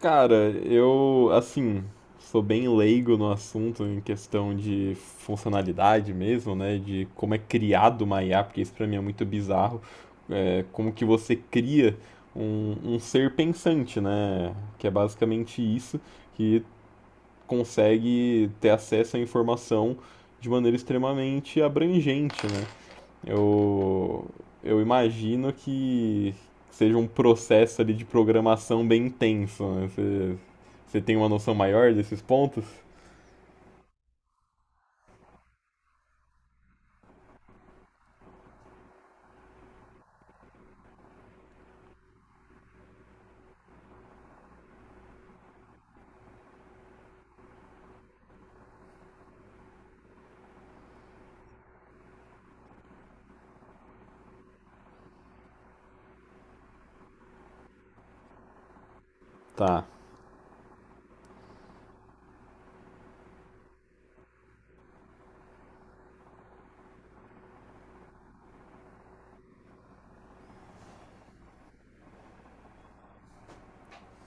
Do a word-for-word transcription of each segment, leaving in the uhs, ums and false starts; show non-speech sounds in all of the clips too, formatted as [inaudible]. Cara, eu, assim, sou bem leigo no assunto em questão de funcionalidade mesmo, né? De como é criado uma I A, porque isso pra mim é muito bizarro. É, como que você cria um, um ser pensante, né? Que é basicamente isso, que consegue ter acesso à informação de maneira extremamente abrangente, né? Eu, eu imagino que seja um processo ali de programação bem intenso, né? Você, você tem uma noção maior desses pontos? Tá.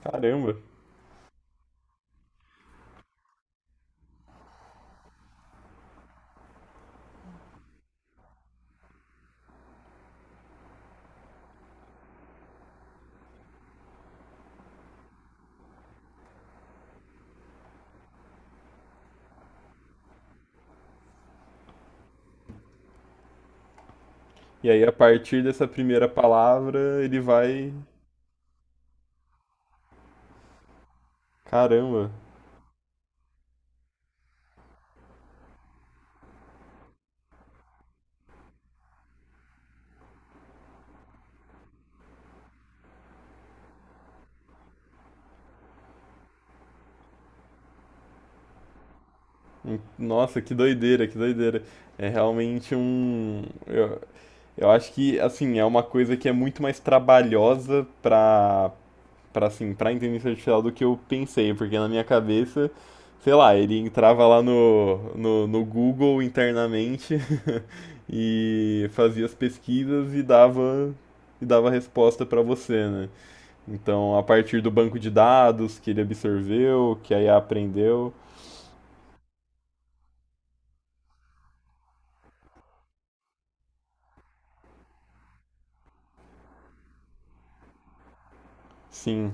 Caramba. E aí, a partir dessa primeira palavra, ele vai. Caramba. Hum, Nossa, que doideira, que doideira. É realmente um. Eu, eu acho que, assim, é uma coisa que é muito mais trabalhosa para pra assim, pra inteligência artificial do que eu pensei, porque na minha cabeça, sei lá, ele entrava lá no, no, no Google internamente [laughs] e fazia as pesquisas e dava e dava resposta pra você, né? Então, a partir do banco de dados que ele absorveu, que a I A aprendeu, sim,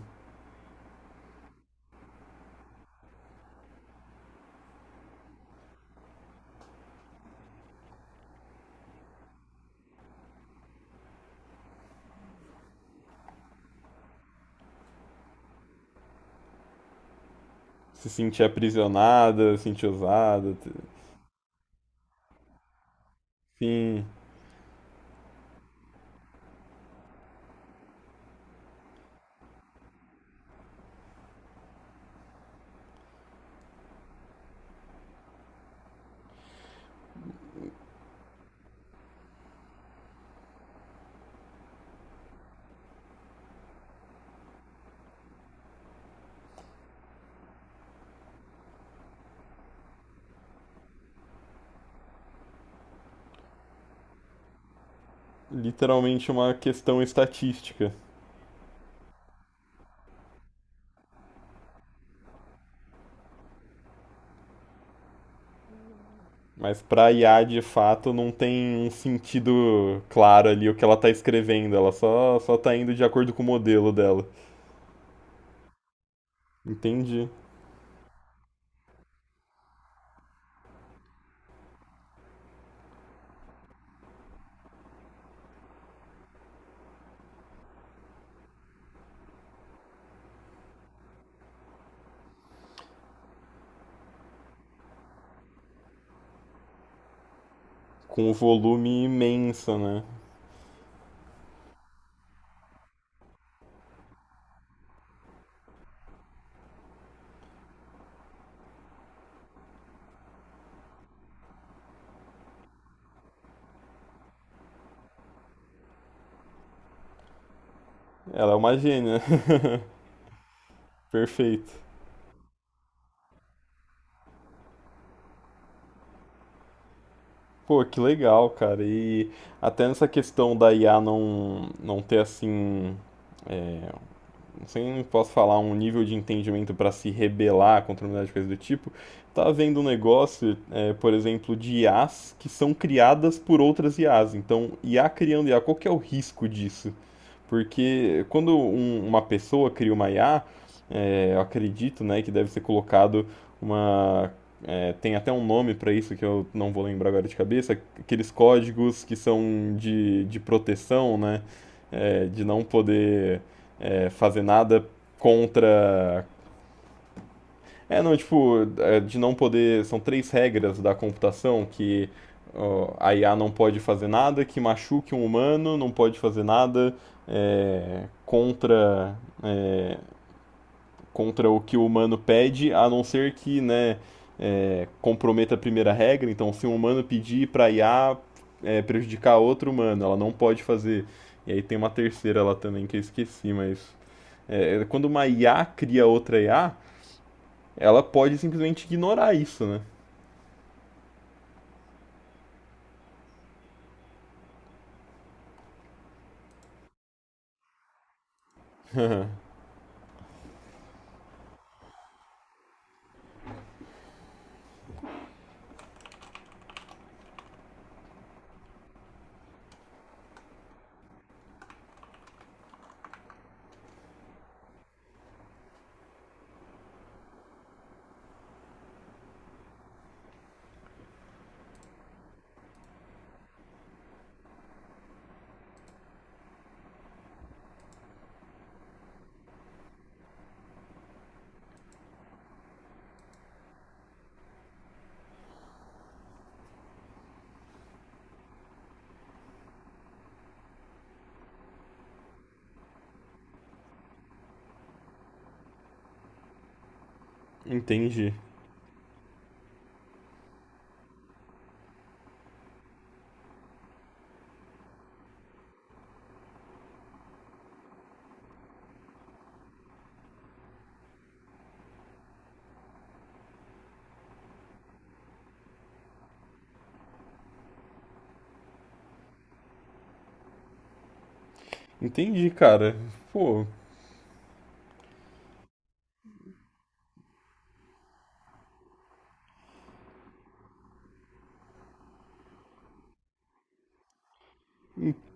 se sentia aprisionada, se sentia usada, t- sim, literalmente uma questão estatística. Mas pra I A, de fato, não tem um sentido claro ali o que ela tá escrevendo. Ela só, só tá indo de acordo com o modelo dela. Entendi. Com o volume imenso, né? Ela é uma gênia. [laughs] Perfeito. Pô, que legal, cara. E até nessa questão da I A não, não ter, assim, não sei, não posso falar um nível de entendimento para se rebelar contra a humanidade, coisa do tipo, tá havendo um negócio, é, por exemplo, de I as que são criadas por outras I as. Então, I A criando I A, qual que é o risco disso? Porque quando um- uma pessoa cria uma I A, é, eu acredito, né, que deve ser colocado uma é, tem até um nome para isso que eu não vou lembrar agora de cabeça, aqueles códigos que são de, de proteção, né? é, de não poder é, fazer nada contra. É, não, tipo, é, de não poder. São três regras da computação que ó, a I A não pode fazer nada que machuque um humano, não pode fazer nada é, contra contra o que o humano pede, a não ser que, né, é, comprometa a primeira regra. Então, se um humano pedir para I A é, prejudicar outro humano, ela não pode fazer. E aí tem uma terceira lá também que eu esqueci, mas é, quando uma I A cria outra I A, ela pode simplesmente ignorar isso, né? Entendi. Entendi, cara. Pô,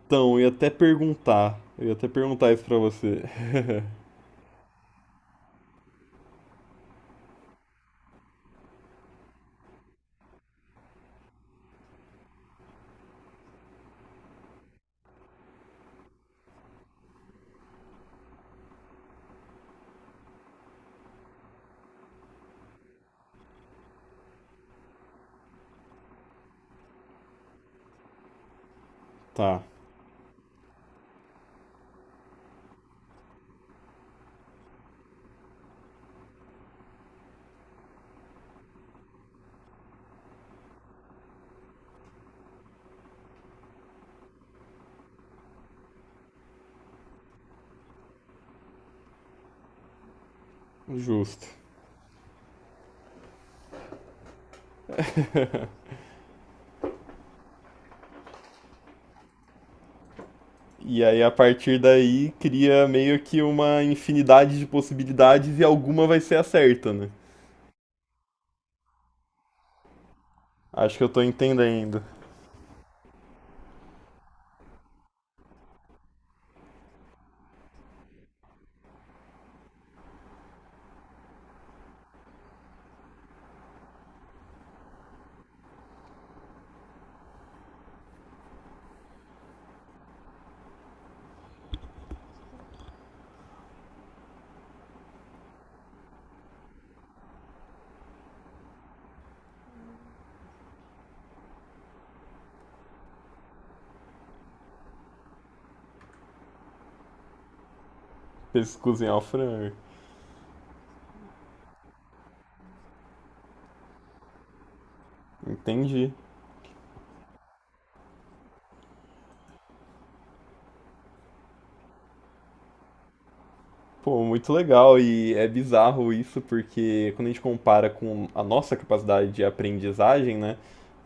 então, eu ia até perguntar. Eu ia até perguntar isso pra você. Tá, justo. E aí, a partir daí, cria meio que uma infinidade de possibilidades e alguma vai ser a certa, né? Acho que eu tô entendendo. Eles cozinhar o frango. Entendi. Pô, muito legal e é bizarro isso porque quando a gente compara com a nossa capacidade de aprendizagem, né,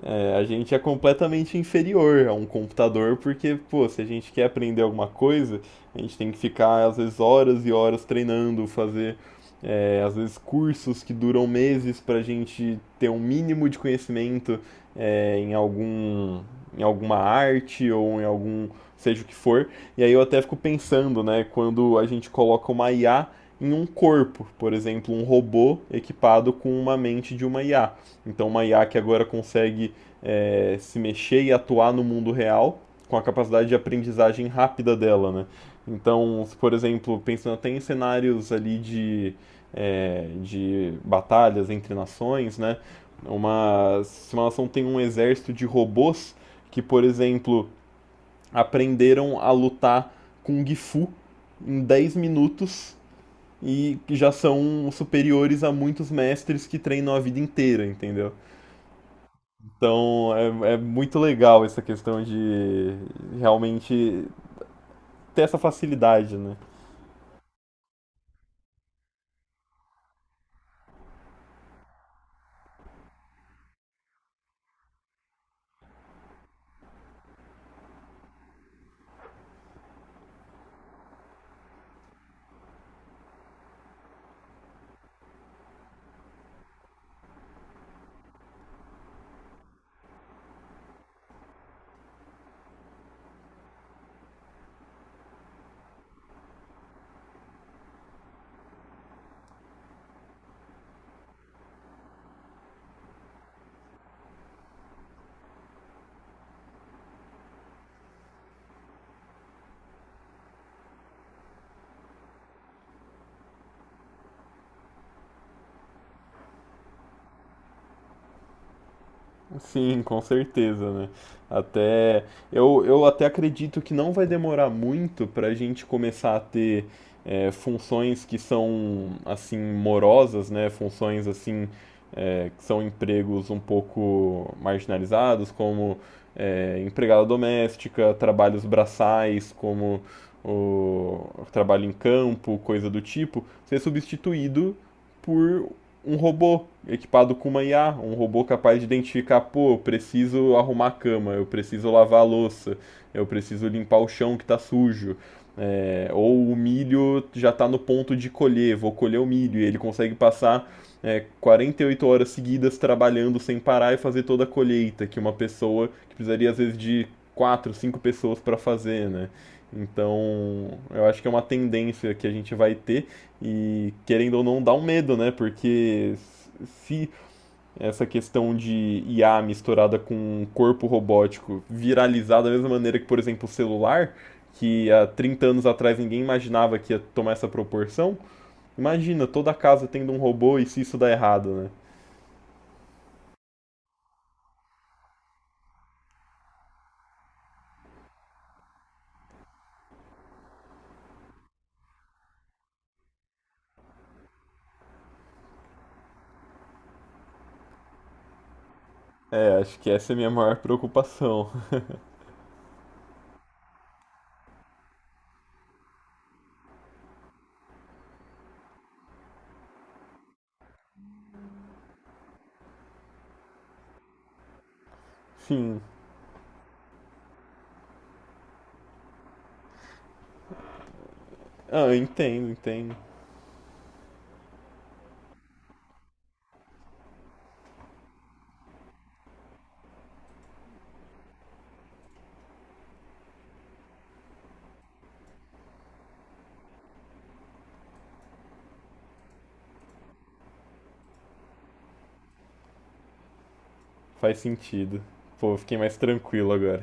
é, a gente é completamente inferior a um computador porque, pô, se a gente quer aprender alguma coisa, a gente tem que ficar às vezes horas e horas treinando, fazer é, às vezes cursos que duram meses para a gente ter um mínimo de conhecimento é, em algum, em alguma arte ou em algum, seja o que for. E aí eu até fico pensando, né, quando a gente coloca uma I A em um corpo, por exemplo, um robô equipado com uma mente de uma I A. Então, uma I A que agora consegue é, se mexer e atuar no mundo real com a capacidade de aprendizagem rápida dela, né? Então, se, por exemplo, pensando até em cenários ali de, é, de batalhas entre nações, né? Uma simulação tem um exército de robôs que, por exemplo, aprenderam a lutar com Gifu em dez minutos e já são superiores a muitos mestres que treinam a vida inteira, entendeu? Então é, é muito legal essa questão de realmente ter essa facilidade, né? Sim, com certeza, né? Até eu, eu até acredito que não vai demorar muito para a gente começar a ter é, funções que são assim morosas, né? Funções assim é, que são empregos um pouco marginalizados, como é, empregada doméstica, trabalhos braçais, como o trabalho em campo, coisa do tipo, ser substituído por um robô equipado com uma I A, um robô capaz de identificar, pô, eu preciso arrumar a cama, eu preciso lavar a louça, eu preciso limpar o chão que está sujo. É, ou o milho já está no ponto de colher, vou colher o milho, e ele consegue passar é, quarenta e oito horas seguidas trabalhando sem parar e fazer toda a colheita, que uma pessoa que precisaria às vezes de quatro, cinco pessoas para fazer, né? Então, eu acho que é uma tendência que a gente vai ter e querendo ou não, dá um medo, né? Porque se essa questão de I A misturada com um corpo robótico viralizar da mesma maneira que, por exemplo, o celular, que há trinta anos atrás ninguém imaginava que ia tomar essa proporção, imagina toda a casa tendo um robô e se isso dá errado, né? É, acho que essa é a minha maior preocupação. [laughs] Sim. Ah, eu entendo, entendo. Faz sentido. Pô, eu fiquei mais tranquilo agora.